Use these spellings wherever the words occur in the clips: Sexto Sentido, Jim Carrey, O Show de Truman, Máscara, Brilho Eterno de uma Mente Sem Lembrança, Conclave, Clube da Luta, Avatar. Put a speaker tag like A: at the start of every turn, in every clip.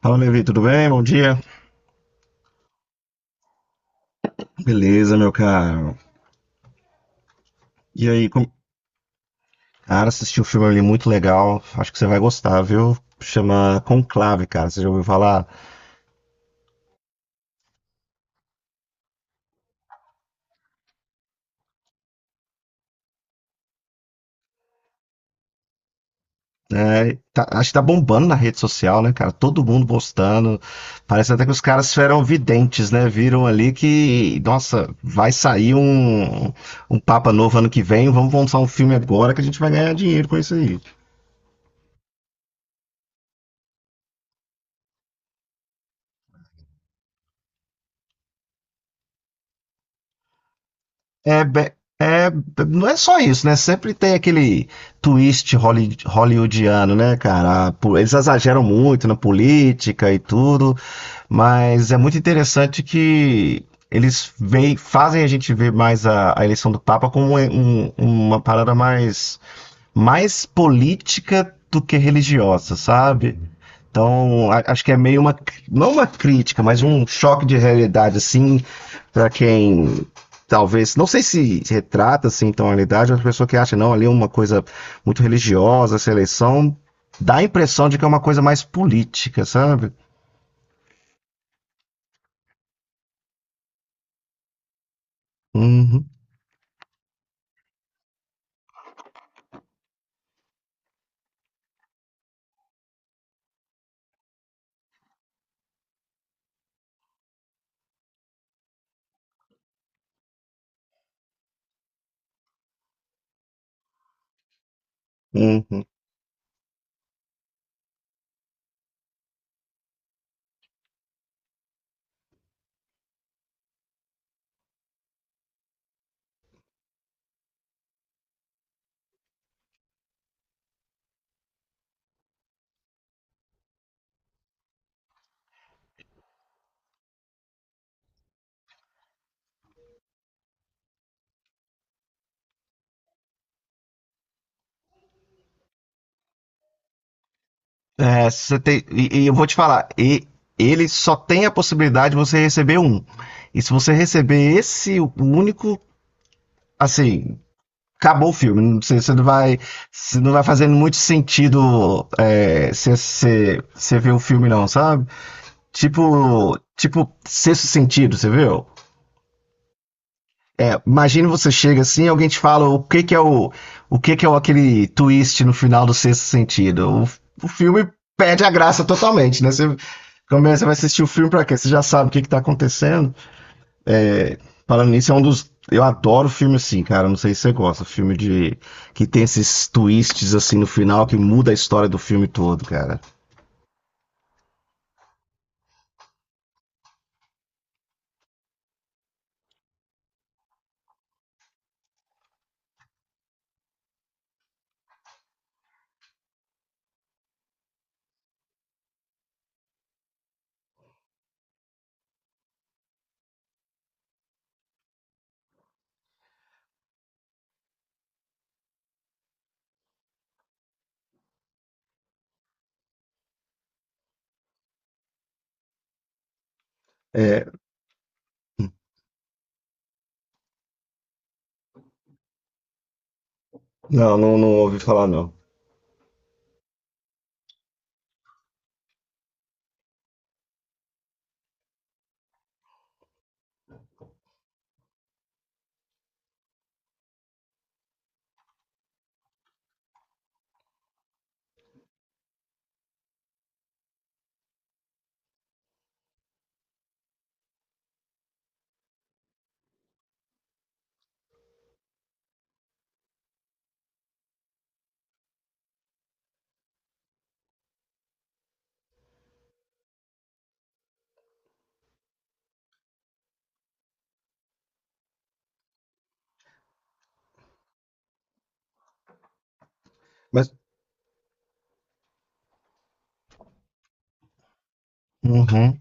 A: Fala, Levi, tudo bem? Bom dia. Beleza, meu caro. E aí, com... Cara, assisti um filme ali muito legal. Acho que você vai gostar, viu? Chama Conclave, cara. Você já ouviu falar? Acho que tá bombando na rede social, né, cara? Todo mundo postando. Parece até que os caras eram videntes, né? Viram ali que, nossa, um Papa novo ano que vem. Vamos lançar um filme agora que a gente vai ganhar dinheiro com isso aí. É, be- é, não é só isso, né? Sempre tem aquele hollywoodiano, né, cara? Eles exageram muito na política e tudo, mas é muito interessante que eles veem, fazem a gente ver mais a eleição do Papa como uma parada mais política do que religiosa, sabe? Então, acho que é meio uma, não uma crítica, mas um choque de realidade, assim, para quem talvez, não sei se retrata assim tão a realidade, mas a pessoa que acha, não, ali é uma coisa muito religiosa, essa eleição, dá a impressão de que é uma coisa mais política, sabe? Uhum, uhum. É, você tem, e eu vou te falar, e ele só tem a possibilidade de você receber um. E se você receber esse único, assim, acabou o filme. Não sei, você não vai fazendo muito sentido é, você ver o filme, não, sabe? Tipo, sexto sentido, você viu? É, imagina você chega assim, e alguém te fala o que que é o, aquele twist no final do sexto sentido. O filme perde a graça totalmente, né? Você começa, vai assistir o filme pra quê? Você já sabe o que que tá acontecendo. É, Falando nisso, é um dos. Eu adoro filme assim, cara. Não sei se você gosta. Filme de. Que tem esses twists assim no final que muda a história do filme todo, cara. É, não ouvi falar, não. Mas. Uhum.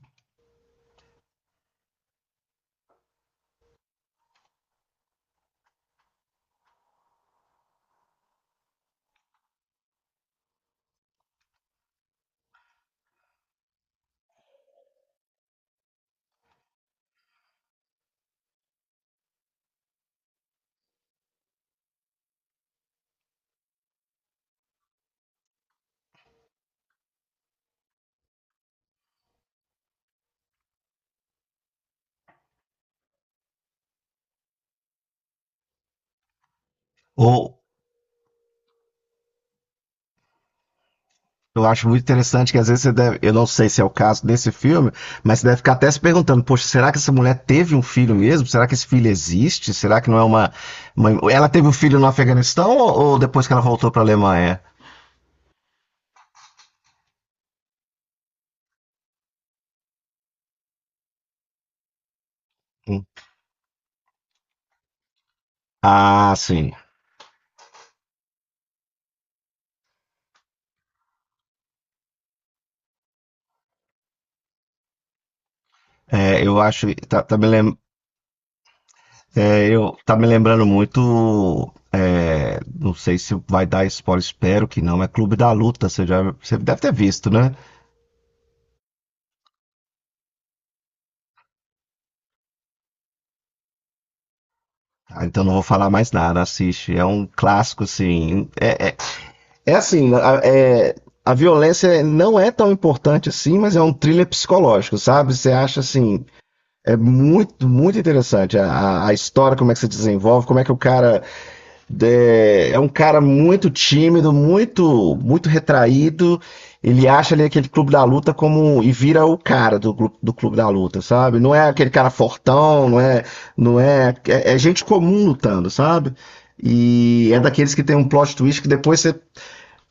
A: Ou eu acho muito interessante que às vezes você deve. Eu não sei se é o caso desse filme, mas você deve ficar até se perguntando, poxa, será que essa mulher teve um filho mesmo? Será que esse filho existe? Será que não é uma. Ela teve um filho no Afeganistão ou depois que ela voltou para a Alemanha? Hum. Ah, sim. É, eu acho. Eu tá me lembrando muito, não sei se vai dar spoiler, espero que não, é Clube da Luta, você já, você deve ter visto, né? Ah, então não vou falar mais nada, assiste, é um clássico assim, é assim, a- é, a violência não é tão importante assim, mas é um thriller psicológico, sabe? Você acha assim, é muito, muito interessante a história, como é que se desenvolve, como é que o cara é um cara muito tímido, muito, muito retraído. Ele acha ali aquele clube da luta como e vira o cara do, do clube da luta, sabe? Não é aquele cara fortão, não é, não é, é, é gente comum lutando, sabe? E é daqueles que tem um plot twist que depois você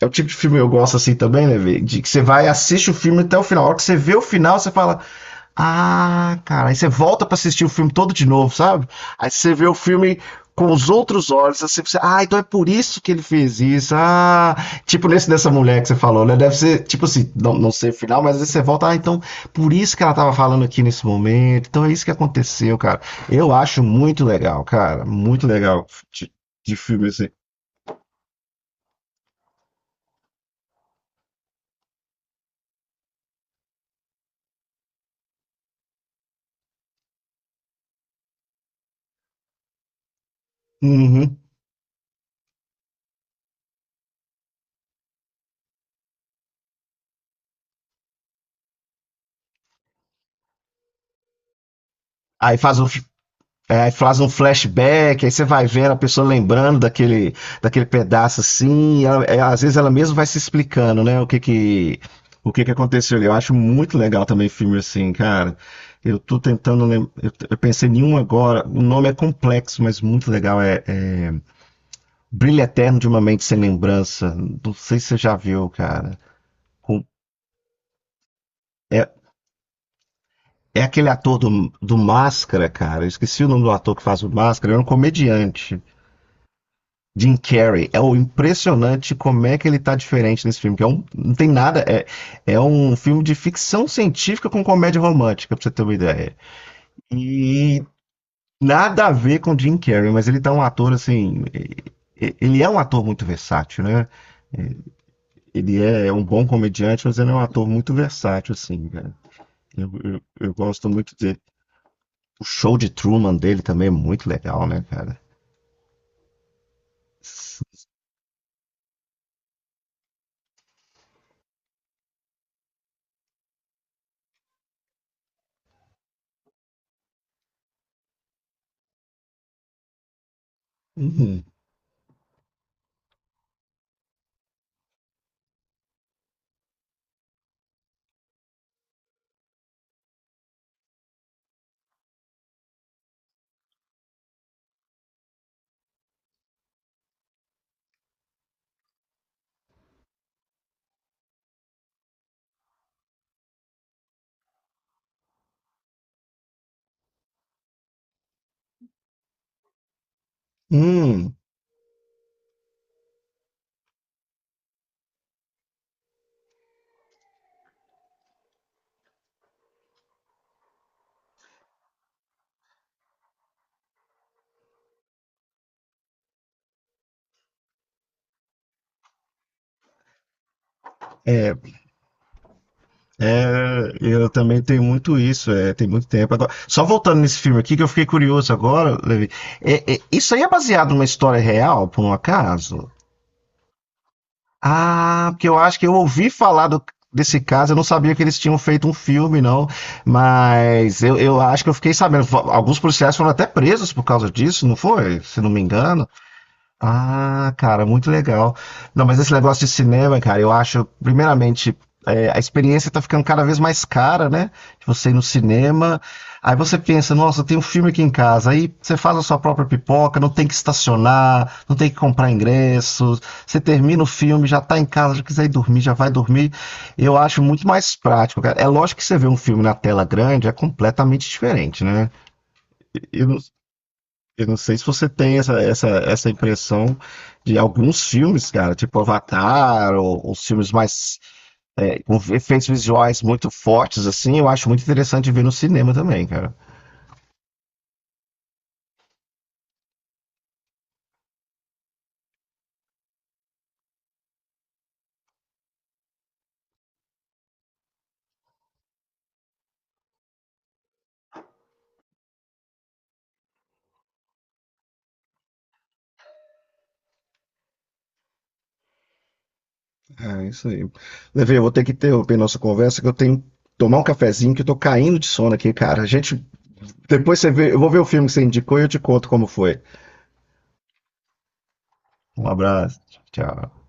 A: é o tipo de filme que eu gosto assim também, né, velho? De que você vai, assiste o filme até o final. A hora que você vê o final, você fala. Ah, cara, aí você volta pra assistir o filme todo de novo, sabe? Aí você vê o filme com os outros olhos, assim, você, ah, então é por isso que ele fez isso. Ah, tipo nesse dessa mulher que você falou, né? Deve ser, tipo assim, não, não sei o final, mas às vezes você volta, ah, então por isso que ela tava falando aqui nesse momento. Então é isso que aconteceu, cara. Eu acho muito legal, cara, muito legal de, de filme assim. Uhum. Aí faz o, É, aí faz um flashback, aí você vai vendo a pessoa lembrando daquele pedaço assim, às vezes ela mesma vai se explicando, né, o que que aconteceu ali. Eu acho muito legal também filme assim, cara. Eu tô tentando lembrar, eu pensei em um agora, o nome é complexo, mas muito legal, Brilho Eterno de uma Mente Sem Lembrança. Não sei se você já viu, cara. Com- é, é aquele ator do Máscara, cara, eu esqueci o nome do ator que faz o Máscara, ele é um comediante. Jim Carrey. É o impressionante como é que ele tá diferente nesse filme, que é um, não tem nada, é um filme de ficção científica com comédia romântica, pra você ter uma ideia. E nada a ver com Jim Carrey, mas ele tá um ator assim, ele é um ator muito versátil, né? Ele é é um bom comediante, mas ele é um ator muito versátil, assim, cara. Eu gosto muito dele. O show de Truman dele também é muito legal, né, cara? Uhum. Hum. É, eu também tenho muito isso, é, tem muito tempo. Agora, só voltando nesse filme aqui, que eu fiquei curioso agora, Levi. Isso aí é baseado numa história real, por um acaso? Ah, porque eu acho que eu ouvi falar do- desse caso, eu não sabia que eles tinham feito um filme, não. Mas eu acho que eu fiquei sabendo. Alguns policiais foram até presos por causa disso, não foi? Se não me engano. Ah, cara, muito legal. Não, mas esse negócio de cinema, cara, eu acho, primeiramente, a experiência tá ficando cada vez mais cara, né? De você ir no cinema. Aí você pensa, nossa, tem um filme aqui em casa. Aí você faz a sua própria pipoca, não tem que estacionar, não tem que comprar ingressos. Você termina o filme, já tá em casa, já quiser ir dormir, já vai dormir. Eu acho muito mais prático, cara. É lógico que você vê um filme na tela grande, é completamente diferente, né? Eu não sei se você tem essa impressão de alguns filmes, cara, tipo Avatar, ou filmes mais com efeitos visuais muito fortes, assim, eu acho muito interessante ver no cinema também, cara. É, isso aí. Levei, eu vou ter que interromper nossa conversa, que eu tenho que tomar um cafezinho, que eu tô caindo de sono aqui, cara. A gente, depois você vê, eu vou ver o filme que você indicou e eu te conto como foi. Um abraço, tchau.